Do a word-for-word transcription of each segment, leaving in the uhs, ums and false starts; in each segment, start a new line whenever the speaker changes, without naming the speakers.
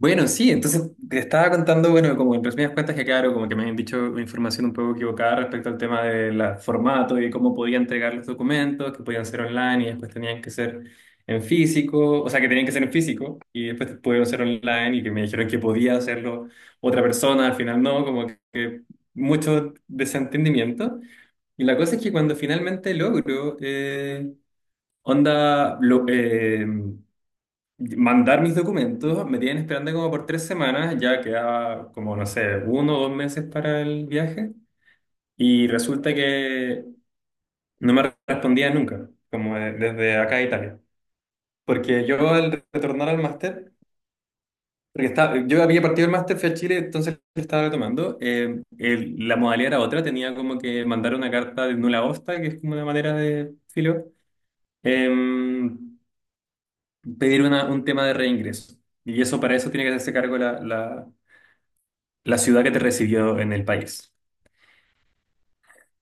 Bueno, sí, entonces te estaba contando, bueno, como en resumidas cuentas que claro, como que me habían dicho información un poco equivocada respecto al tema del formato y cómo podía entregar los documentos, que podían ser online y después tenían que ser en físico, o sea, que tenían que ser en físico y después pudieron ser online y que me dijeron que podía hacerlo otra persona, al final no, como que mucho desentendimiento. Y la cosa es que cuando finalmente logro, eh, onda, lo, eh, mandar mis documentos, me tienen esperando como por tres semanas, ya queda como, no sé, uno o dos meses para el viaje, y resulta que no me respondían nunca, como de- desde acá a Italia. Porque yo al retornar al máster, porque estaba, yo había partido el máster, fui a Chile, entonces lo estaba tomando, eh, el- la modalidad era otra, tenía como que mandar una carta de nula osta, que es como una manera de filo, em, pedir una- un tema de reingreso. Y eso para eso tiene que hacerse cargo la, la, la ciudad que te recibió en el país.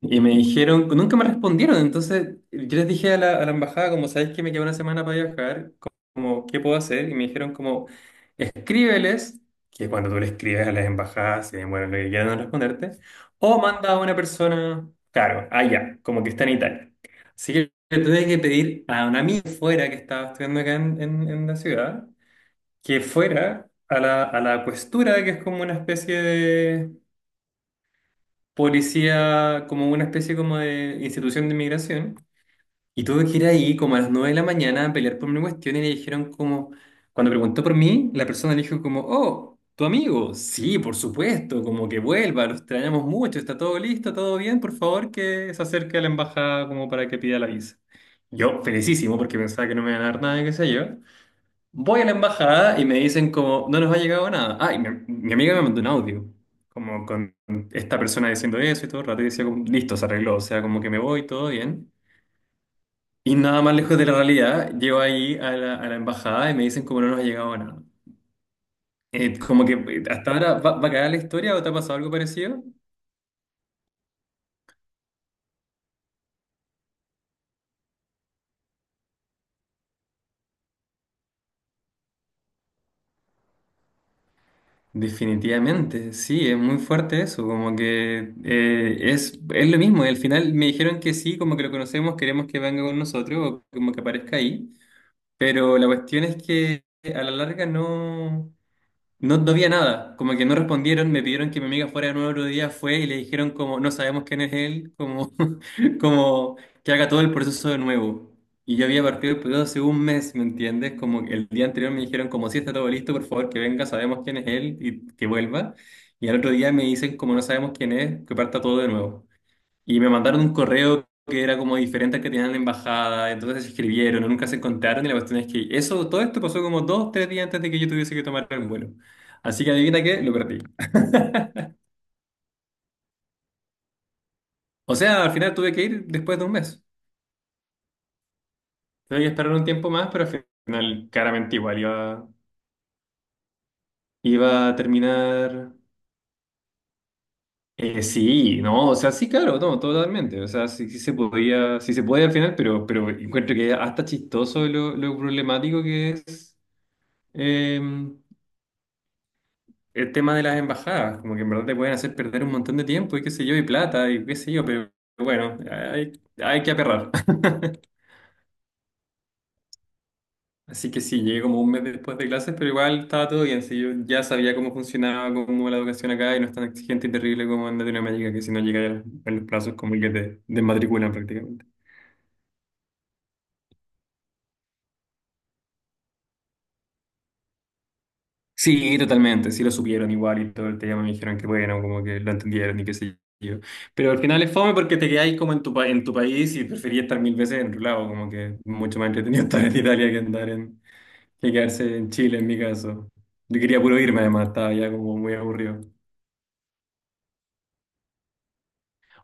Y me dijeron, nunca me respondieron, entonces yo les dije a la, a la embajada, como sabéis que me queda una semana para viajar, como, ¿qué puedo hacer? Y me dijeron como, escríbeles, que cuando tú le escribes a las embajadas, se demoran lo que quieran en responderte, o manda a una persona, claro, allá, como que está en Italia. Así que le tuve que pedir a un amigo fuera que estaba estudiando acá en, en- en la ciudad, que fuera a la, a la questura, que es como una especie policía como una especie como de institución de inmigración y tuve que ir ahí como a las nueve de la mañana a pelear por mi cuestión y le dijeron como, cuando preguntó por mí, la persona le dijo como, oh, tu amigo, sí, por supuesto, como que vuelva, lo extrañamos mucho, está todo listo, todo bien, por favor que se acerque a la embajada como para que pida la visa. Yo, felicísimo, porque pensaba que no me iban a dar nada, qué sé yo. Voy a la embajada y me dicen como, no nos ha llegado nada. Ah, y mi, mi amiga me mandó un audio, como con esta persona diciendo eso y todo el rato, y decía como, listo, se arregló, o sea, como que me voy, todo bien. Y nada más lejos de la realidad, llego ahí a la, a la embajada y me dicen como no nos ha llegado nada. Eh, como que eh, hasta ahora va, va a quedar la historia o te ha pasado algo parecido. Definitivamente, sí, es muy fuerte eso, como que eh, es, es lo mismo, y al final me dijeron que sí, como que lo conocemos, queremos que venga con nosotros o como que aparezca ahí. Pero la cuestión es que a la larga no, no, no había nada, como que no respondieron, me pidieron que mi amiga fuera de nuevo otro día, fue y le dijeron como, no sabemos quién es él, como, como que haga todo el proceso de nuevo. Y yo había partido el proceso hace un mes, ¿me entiendes? Como que el día anterior me dijeron como, si está todo listo, por favor que venga, sabemos quién es él y que vuelva. Y al otro día me dicen como, no sabemos quién es, que parta todo de nuevo. Y me mandaron un correo que era como diferente al que tenían en la embajada, entonces se escribieron, nunca se encontraron y la cuestión es que eso, todo esto pasó como dos, tres días antes de que yo tuviese que tomar el vuelo. Así que adivina qué, lo perdí. O sea, al final tuve que ir después de un mes. Tuve que esperar un tiempo más, pero al final claramente igual iba, iba a terminar... Eh, sí, no, o sea, sí, claro, no, totalmente. O sea, sí, sí se podía, sí se puede al final, pero, pero encuentro que hasta chistoso lo, lo problemático que es. em, el tema de las embajadas, como que en verdad te pueden hacer perder un montón de tiempo y qué sé yo, y plata y qué sé yo, pero bueno, hay, hay que aperrar. Así que sí, llegué como un mes después de clases, pero igual estaba todo bien, sí, yo ya sabía cómo funcionaba, cómo la educación acá y no es tan exigente y terrible como en Latinoamérica, que si no llegas en los plazos como que te desmatriculan prácticamente. Sí, totalmente, sí lo supieron igual y todo el tema, me dijeron que bueno, como que lo entendieron y qué sé yo. Pero al final es fome porque te quedáis como en tu, pa- en tu país y preferís estar mil veces en tu lado, como que mucho más entretenido estar en Italia que andar en, que quedarse en Chile en mi caso. Yo quería puro irme además, estaba ya como muy aburrido.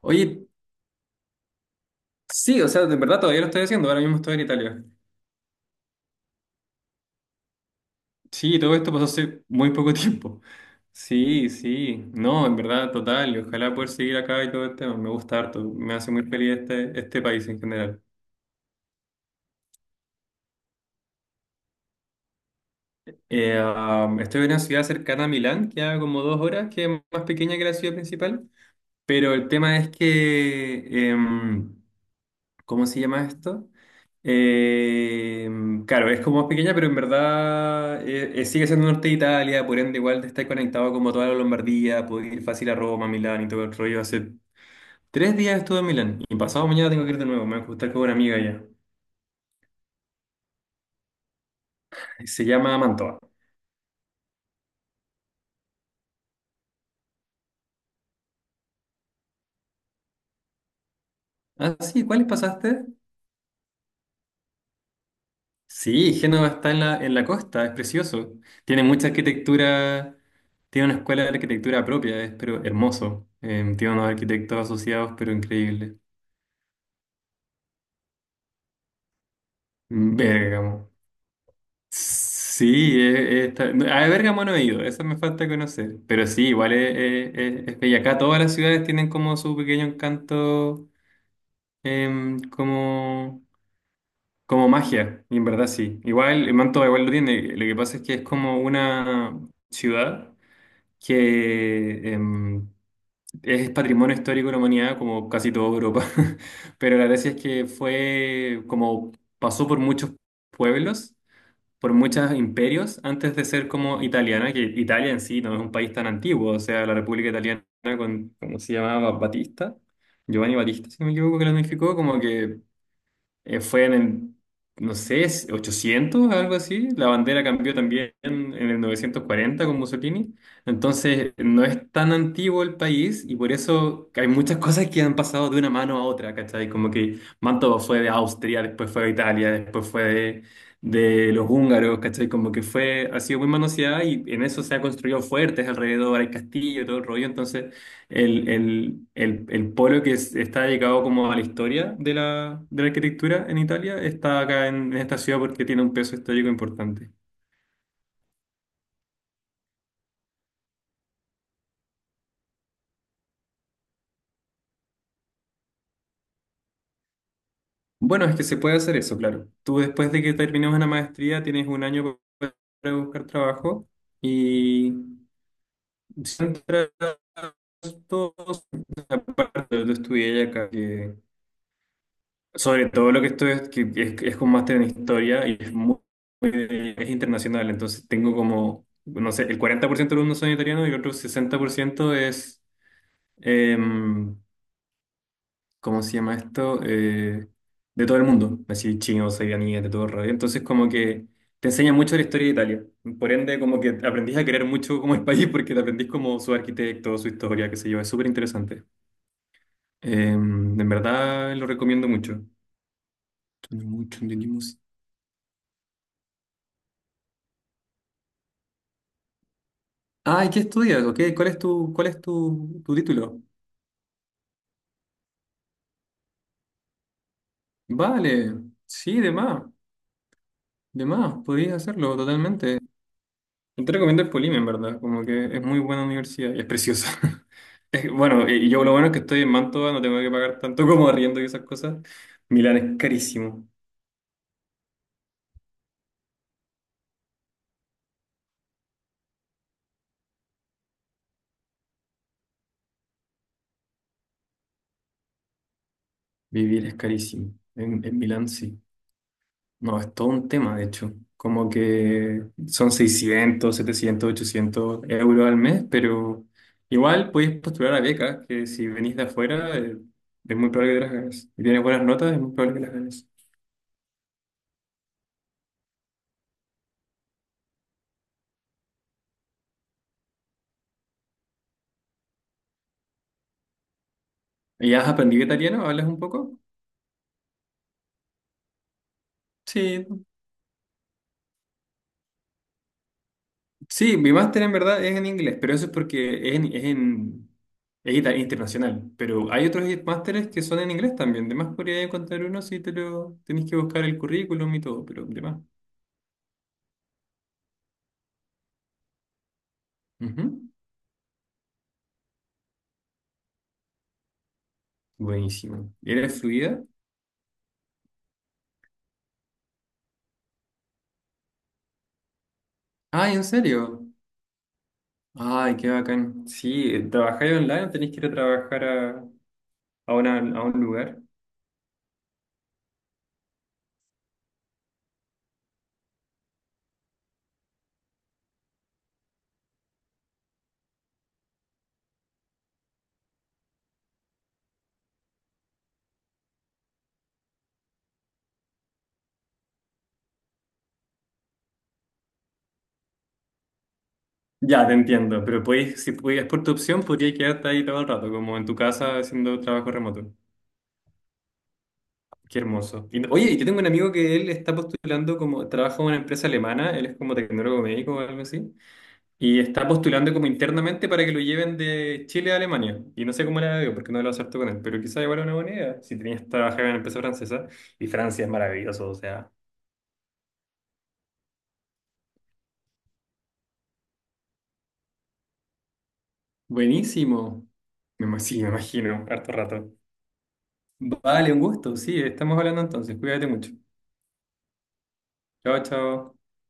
Oye, sí, o sea, de verdad todavía lo estoy haciendo, ahora mismo estoy en Italia. Sí, todo esto pasó hace muy poco tiempo. Sí, sí. No, en verdad, total. Y ojalá poder seguir acá y todo el tema. Me gusta harto. Me hace muy feliz este, este país en general. Eh, um, estoy en una ciudad cercana a Milán, que a como dos horas, que es más pequeña que la ciudad principal. Pero el tema es que... em, ¿Cómo se llama esto? Eh, claro, es como más pequeña, pero en verdad eh, eh, sigue siendo norte de Italia, por ende igual te estás conectado como toda la Lombardía, puedes ir fácil a Roma, Milán y todo el rollo. Hace tres días estuve en Milán y pasado mañana tengo que ir de nuevo, me voy a juntar con una amiga allá. Se llama Mantova. Ah, sí, ¿cuáles pasaste? Sí, Génova está en la, en la costa, es precioso. Tiene mucha arquitectura, tiene una escuela de arquitectura propia, es pero hermoso. Eh, tiene unos arquitectos asociados, pero increíble. Bérgamo. Sí, es, es ta- a Bérgamo no he ido, eso me falta conocer. Pero sí, igual es, es- es- es bella. Acá todas las ciudades tienen como su pequeño encanto, em, como, como magia, y en verdad sí. Igual, eh, Manto igual lo tiene. Lo que pasa es que es como una ciudad que em, es patrimonio histórico de la humanidad, como casi toda Europa. Pero la gracia es que fue como pasó por muchos pueblos. Por muchos imperios antes de ser como italiana, que Italia en sí no es un país tan antiguo, o sea, la República Italiana con, ¿cómo se llamaba? Batista, Giovanni Batista, si no me equivoco, que la unificó, como que eh, fue en el, no sé, ochocientos, algo así. La bandera cambió también en el novecientos cuarenta con Mussolini. Entonces, no es tan antiguo el país y por eso hay muchas cosas que han pasado de una mano a otra, ¿cachai? Como que Mantova fue de Austria, después fue de Italia, después fue de, de los húngaros, ¿cachai? Como que fue, ha sido muy manoseada y en eso se ha construido fuertes alrededor, hay castillo, todo el rollo. Entonces, el, el, el, el polo que es- está dedicado como a la historia de la, de la arquitectura en Italia está acá en, en esta ciudad porque tiene un peso histórico importante. Bueno, es que se puede hacer eso, claro. Tú después de que termines una maestría tienes un año pa- para buscar trabajo y si entras todos, aparte, yo estudié acá. Sobre todo lo que estoy es, que es, es con máster en historia y es muy, muy- es internacional, entonces tengo como, no sé, el cuarenta por ciento de los alumnos son italianos y el otro sesenta por ciento es, em, ¿cómo se llama esto? Eh, de todo el mundo, así chinos, iraníes, de todo el rollo. Entonces como que te enseña mucho de la historia de Italia, por ende como que aprendís a querer mucho como el país porque te aprendís como su arquitecto, su historia, qué sé yo, es súper interesante. Em, en verdad lo recomiendo mucho. Mucho. Ah, ¿y qué estudias? ¿Ok? ¿Cuál es tu, cuál es tu, tu título? Vale, sí, de más, de más, podrías hacerlo totalmente. Yo te recomiendo el Polim, en verdad, como que es muy buena universidad y es preciosa. Es que, bueno, y yo lo bueno es que estoy en Mantua, no tengo que pagar tanto como arriendo y esas cosas. Milán es carísimo, vivir es carísimo, en, en Milán sí. No, es todo un tema, de hecho. Como que son seiscientos setecientos ochocientos euros al mes, pero igual podéis postular a becas, que si venís de afuera, eh, es muy probable que las ganes. Si tienes buenas notas, es muy probable que las ganes. ¿Y has aprendido italiano? ¿Hablas un poco? Sí, sí, mi máster en verdad es en inglés, pero eso es porque es en, es en- es ita- internacional. Pero hay otros másteres que son en inglés también. De más podría encontrar uno si te lo tenés que buscar el currículum y todo, pero de más. Ujú. Buenísimo. ¿Eres fluida? Ay, ¿en serio? Ay, qué bacán. Sí, eh, ¿trabajáis online o tenéis que ir a trabajar a, a, una- a un lugar? Ya, te entiendo, pero podéis, si pudieras por tu opción, podrías quedarte ahí todo el rato, como en tu casa haciendo trabajo remoto. Qué hermoso. Y no, oye, yo tengo un amigo que él está postulando como, trabaja en una empresa alemana, él es como tecnólogo médico o algo así. Y está postulando como internamente para que lo lleven de Chile a Alemania. Y no sé cómo la veo, porque no lo acepto con él. Pero quizá igual es una buena idea, si tenías que trabajar en la empresa francesa. Y Francia es maravilloso, o sea. Buenísimo. Me, ima- sí, me imagino, harto rato. Vale, un gusto. Sí, estamos hablando entonces. Cuídate mucho. Chao, chao.